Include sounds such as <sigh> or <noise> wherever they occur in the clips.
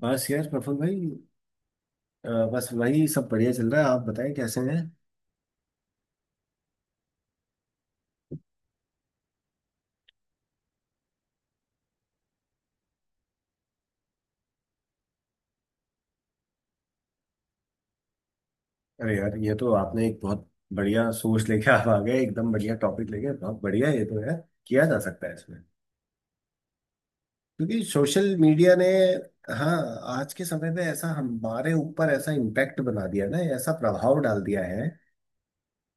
बस यार प्रफुल भाई। बस वही सब बढ़िया चल रहा है। आप बताएं कैसे हैं? अरे यार, ये तो आपने एक बहुत बढ़िया सोच लेके <laughs> आप आ गए। एकदम बढ़िया टॉपिक लेके, बहुत बढ़िया है ये तो यार, किया जा सकता है इसमें। क्योंकि सोशल मीडिया ने, हाँ, आज के समय में ऐसा हमारे ऊपर ऐसा इम्पैक्ट बना दिया ना, ऐसा प्रभाव डाल दिया है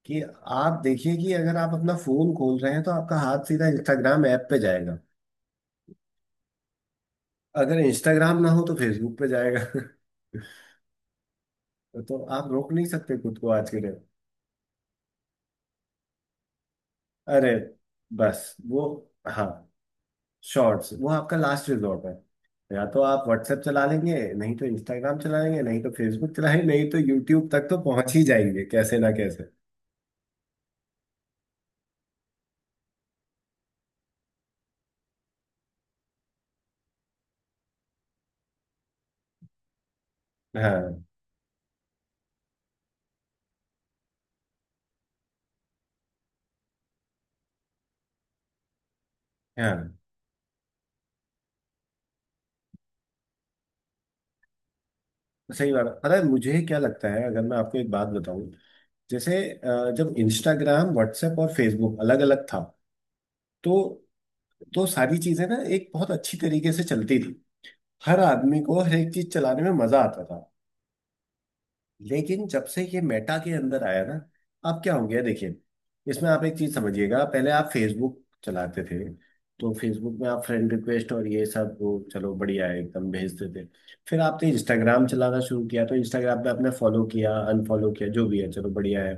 कि आप देखिए कि अगर आप अपना फोन खोल रहे हैं तो आपका हाथ सीधा इंस्टाग्राम ऐप पे जाएगा। अगर इंस्टाग्राम ना हो तो फेसबुक पे जाएगा। <laughs> तो आप रोक नहीं सकते खुद को आज के डेट। अरे, बस वो, हाँ, शॉर्ट्स वो आपका लास्ट रिजॉर्ट है। या तो आप व्हाट्सएप चला लेंगे, नहीं तो इंस्टाग्राम चला लेंगे, नहीं तो फेसबुक चलाएंगे, नहीं तो यूट्यूब तक तो पहुंच ही जाएंगे कैसे ना कैसे। हाँ हाँ, सही बात है। पता है मुझे क्या लगता है, अगर मैं आपको एक बात बताऊं, जैसे जब इंस्टाग्राम, व्हाट्सएप और फेसबुक अलग अलग था, तो सारी चीजें ना एक बहुत अच्छी तरीके से चलती थी। हर आदमी को हर एक चीज चलाने में मजा आता था। लेकिन जब से ये मेटा के अंदर आया ना, अब क्या हो गया देखिए। इसमें आप एक चीज समझिएगा, पहले आप फेसबुक चलाते थे तो फेसबुक में आप फ्रेंड रिक्वेस्ट और ये सब वो, चलो बढ़िया है, एकदम भेजते थे। फिर आपने इंस्टाग्राम चलाना शुरू किया तो इंस्टाग्राम पे आपने फॉलो किया, अनफॉलो किया, जो भी है, चलो बढ़िया है।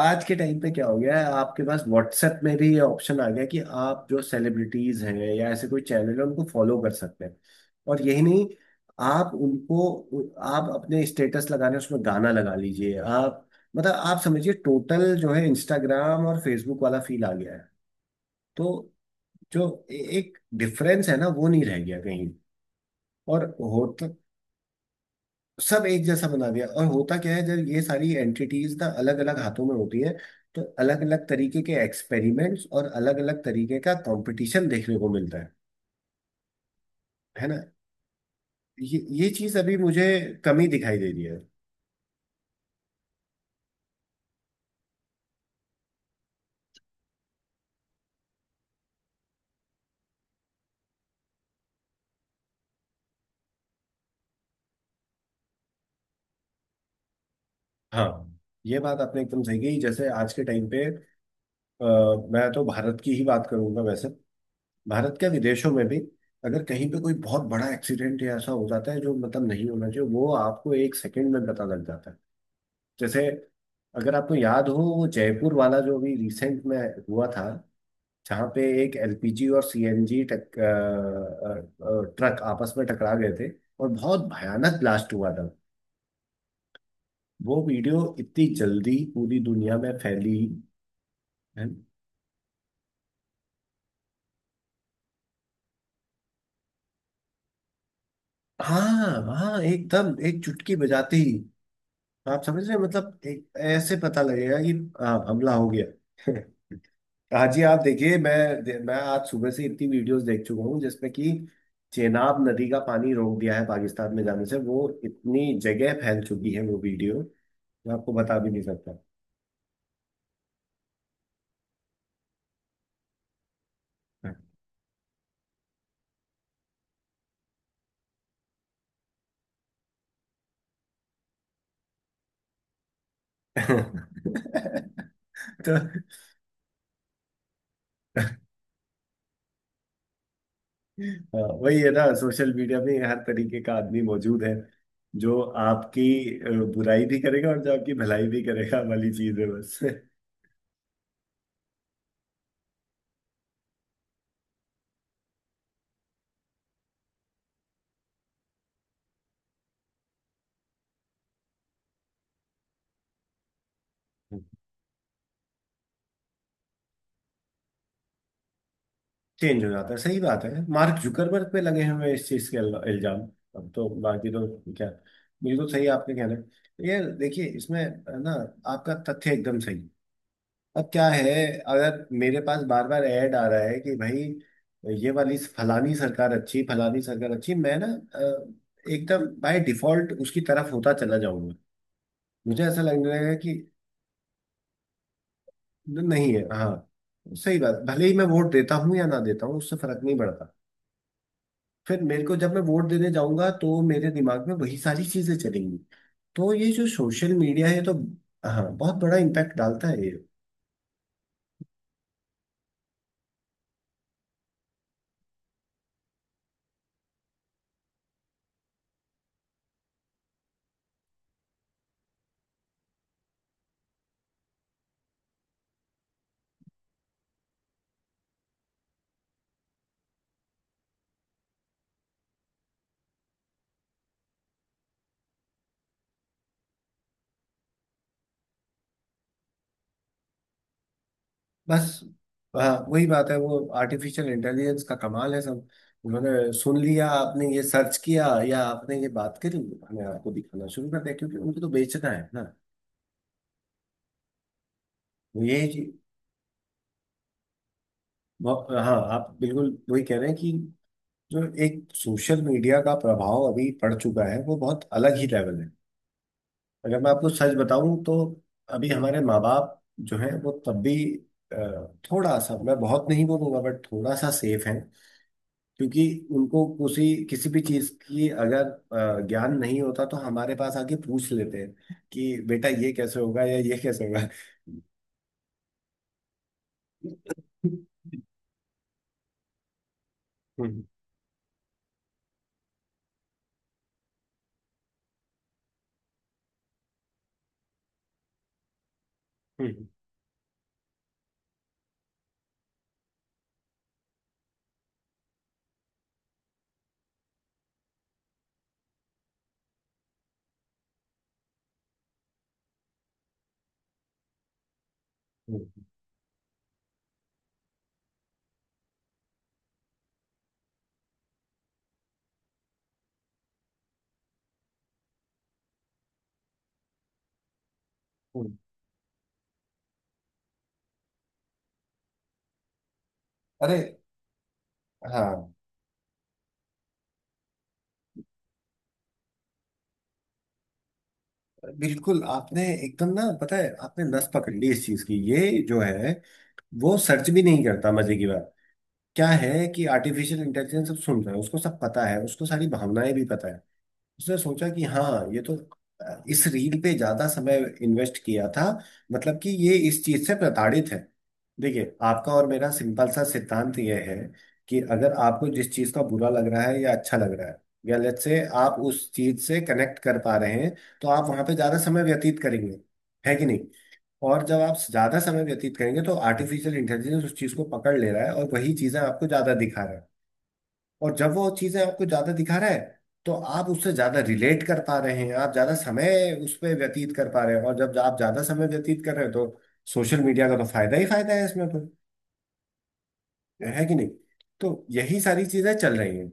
आज के टाइम पे क्या हो गया है, आपके पास व्हाट्सएप में भी ये ऑप्शन आ गया है कि आप जो सेलिब्रिटीज हैं या ऐसे कोई चैनल है उनको फॉलो कर सकते हैं। और यही नहीं, आप उनको आप अपने स्टेटस लगाने उसमें गाना लगा लीजिए आप। मतलब आप समझिए, टोटल जो है इंस्टाग्राम और फेसबुक वाला फील आ गया है। तो जो एक डिफरेंस है ना, वो नहीं रह गया कहीं। और होता, सब एक जैसा बना दिया, और होता क्या है, जब ये सारी एंटिटीज ना अलग अलग हाथों में होती है तो अलग अलग तरीके के एक्सपेरिमेंट्स और अलग अलग तरीके का कंपटीशन देखने को मिलता है ना। ये चीज अभी मुझे कमी दिखाई दे रही है। हाँ, ये बात आपने एकदम सही कही, जैसे आज के टाइम पे अ, मैं तो भारत की ही बात करूंगा, वैसे भारत क्या, विदेशों में भी, अगर कहीं पे कोई बहुत बड़ा एक्सीडेंट या ऐसा हो जाता है जो मतलब नहीं होना चाहिए, वो आपको एक सेकंड में पता लग जाता है। जैसे अगर आपको याद हो वो जयपुर वाला जो भी रिसेंट में हुआ था, जहाँ पे एक एलपीजी और सीएनजी टक अ, अ, अ, ट्रक आपस में टकरा गए थे और बहुत भयानक ब्लास्ट हुआ था। वो वीडियो इतनी जल्दी पूरी दुनिया में फैली है। हाँ हाँ, एकदम एक चुटकी बजाते ही। आप समझ रहे हैं? मतलब एक ऐसे पता लगेगा कि हाँ, हमला हो गया। <laughs> हाँ जी, आप देखिए, मैं आज सुबह से इतनी वीडियोस देख चुका हूँ जिसमें कि चेनाब नदी का पानी रोक दिया है पाकिस्तान में जाने से, वो इतनी जगह फैल चुकी है वो वीडियो, मैं आपको बता भी नहीं सकता। <laughs> तो हाँ, वही है ना, सोशल मीडिया में हर तरीके का आदमी मौजूद है जो आपकी अ, बुराई भी करेगा और जो आपकी भलाई भी करेगा, वाली चीज है बस। <laughs> चेंज हो जाता है, सही बात है। मार्क जुकरबर्ग पे लगे हुए हैं इस चीज के इल्जाम। अब तो बाकी तो क्या, बिल्कुल सही आपके कहना है, ये देखिए इसमें है ना, आपका तथ्य एकदम सही। अब क्या है, अगर मेरे पास बार बार ऐड आ रहा है कि भाई ये वाली फलानी सरकार अच्छी, फलानी सरकार अच्छी, मैं ना एकदम बाय डिफॉल्ट उसकी तरफ होता चला जाऊंगा। मुझे ऐसा लगने लगेगा कि नहीं, है हाँ, सही बात, भले ही मैं वोट देता हूँ या ना देता हूँ उससे फर्क नहीं पड़ता। फिर मेरे को जब मैं वोट देने जाऊंगा तो मेरे दिमाग में वही सारी चीजें चलेंगी। तो ये जो सोशल मीडिया है, तो हाँ, बहुत बड़ा इम्पैक्ट डालता है ये। बस, हाँ, वही बात है। वो आर्टिफिशियल इंटेलिजेंस का कमाल है सब। उन्होंने सुन लिया, आपने ये सर्च किया या आपने ये बात करी, उन्होंने आपको दिखाना शुरू कर दिया क्योंकि उनको तो बेचना है ना। तो ये हाँ, आप बिल्कुल वही कह रहे हैं कि जो एक सोशल मीडिया का प्रभाव अभी पड़ चुका है वो बहुत अलग ही लेवल है, अगर मैं आपको सच बताऊं तो। अभी हमारे माँ बाप जो है, वो तब भी अ, थोड़ा सा, मैं बहुत नहीं बोलूंगा बट थोड़ा सा सेफ है, क्योंकि उनको किसी किसी भी चीज की अगर ज्ञान नहीं होता तो हमारे पास आके पूछ लेते हैं कि बेटा ये कैसे होगा या ये कैसे होगा। हम्म, हम्म, हम्म, हम्म। अरे हाँ, बिल्कुल! आपने एकदम ना, पता है, आपने नस पकड़ ली इस चीज की। ये जो है, वो सर्च भी नहीं करता, मजे की बात क्या है, कि आर्टिफिशियल इंटेलिजेंस सब सुन रहा है, उसको सब पता है, उसको सारी भावनाएं भी पता है। उसने सोचा कि हाँ ये तो इस रील पे ज्यादा समय इन्वेस्ट किया था, मतलब कि ये इस चीज से प्रताड़ित है। देखिए, आपका और मेरा सिंपल सा सिद्धांत यह है कि अगर आपको जिस चीज का बुरा लग रहा है या अच्छा लग रहा है या लेट्स से आप उस चीज से कनेक्ट कर पा रहे हैं, तो आप वहां पे ज्यादा समय व्यतीत करेंगे, है कि नहीं। और जब आप ज्यादा समय व्यतीत करेंगे तो आर्टिफिशियल इंटेलिजेंस उस चीज को पकड़ ले रहा है, और वही चीजें आपको ज्यादा दिखा रहा है। और जब वो चीजें आपको ज्यादा दिखा रहा है, तो आप उससे ज्यादा रिलेट कर पा रहे हैं, आप ज्यादा समय उस पर व्यतीत कर पा रहे हैं, और जब आप ज्यादा समय व्यतीत कर रहे हैं, तो सोशल मीडिया का तो फायदा ही फायदा है इसमें तो, है कि नहीं। तो यही सारी चीजें चल रही हैं।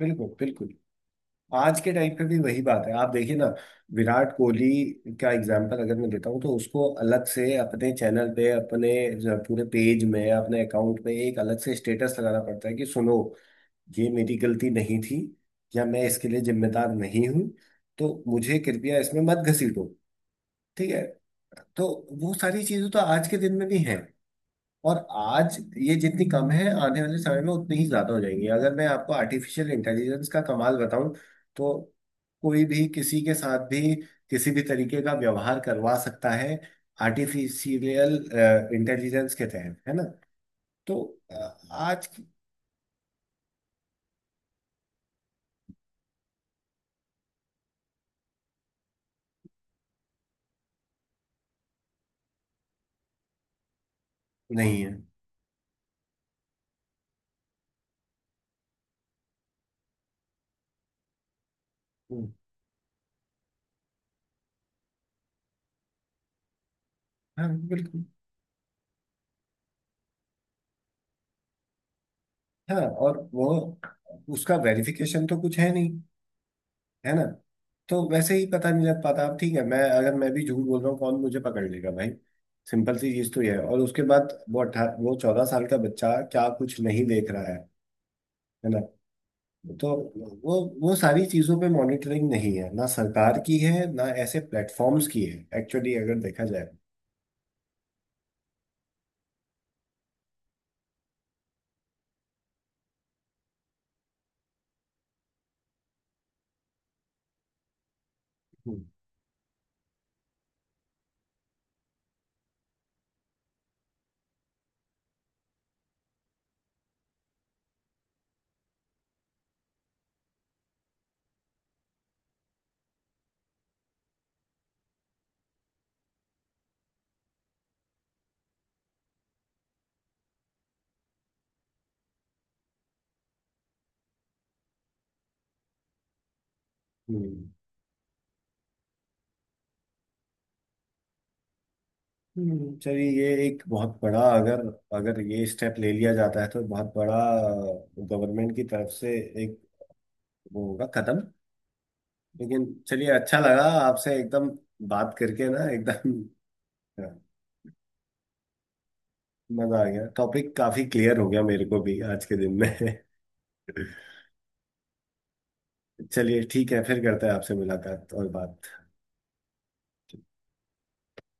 बिल्कुल बिल्कुल, आज के टाइम पे भी वही बात है, आप देखिए ना। विराट कोहली का एग्जांपल अगर मैं देता हूँ, तो उसको अलग से अपने चैनल पे, अपने जो पूरे पेज में, अपने अकाउंट पे एक अलग से स्टेटस लगाना पड़ता है कि सुनो, ये मेरी गलती नहीं थी, या मैं इसके लिए जिम्मेदार नहीं हूँ, तो मुझे कृपया इसमें मत घसीटो, ठीक है। तो वो सारी चीजें तो आज के दिन में भी हैं। और आज ये जितनी कम है, आने वाले समय में उतनी ही ज्यादा हो जाएंगी, अगर मैं आपको आर्टिफिशियल इंटेलिजेंस का कमाल बताऊं तो। कोई भी किसी के साथ भी किसी भी तरीके का व्यवहार करवा सकता है आर्टिफिशियल इंटेलिजेंस के तहत, है ना। तो अ, आज की- नहीं है। हम्म, हाँ बिल्कुल। हाँ, और वो, उसका वेरिफिकेशन तो कुछ है नहीं, है ना। तो वैसे ही पता नहीं लग पाता, अब ठीक है, मैं अगर मैं भी झूठ बोल रहा हूँ, कौन मुझे पकड़ लेगा भाई। सिंपल सी चीज तो ये है। और उसके बाद वो 18, वो 14 साल का बच्चा क्या कुछ नहीं देख रहा है ना। तो वो सारी चीजों पे मॉनिटरिंग नहीं है ना, सरकार की है ना ऐसे प्लेटफॉर्म्स की है, एक्चुअली अगर देखा जाए। हम्म, हम्म, चलिए, ये एक बहुत बड़ा, अगर अगर ये स्टेप ले लिया जाता है तो बहुत बड़ा, गवर्नमेंट की तरफ से एक वो होगा कदम। लेकिन चलिए, अच्छा लगा आपसे एकदम बात करके ना, एकदम। <laughs> हाँ, मजा आ गया। टॉपिक काफी क्लियर हो गया मेरे को भी आज के दिन में। <laughs> चलिए, ठीक है, फिर करते हैं आपसे मुलाकात और बात।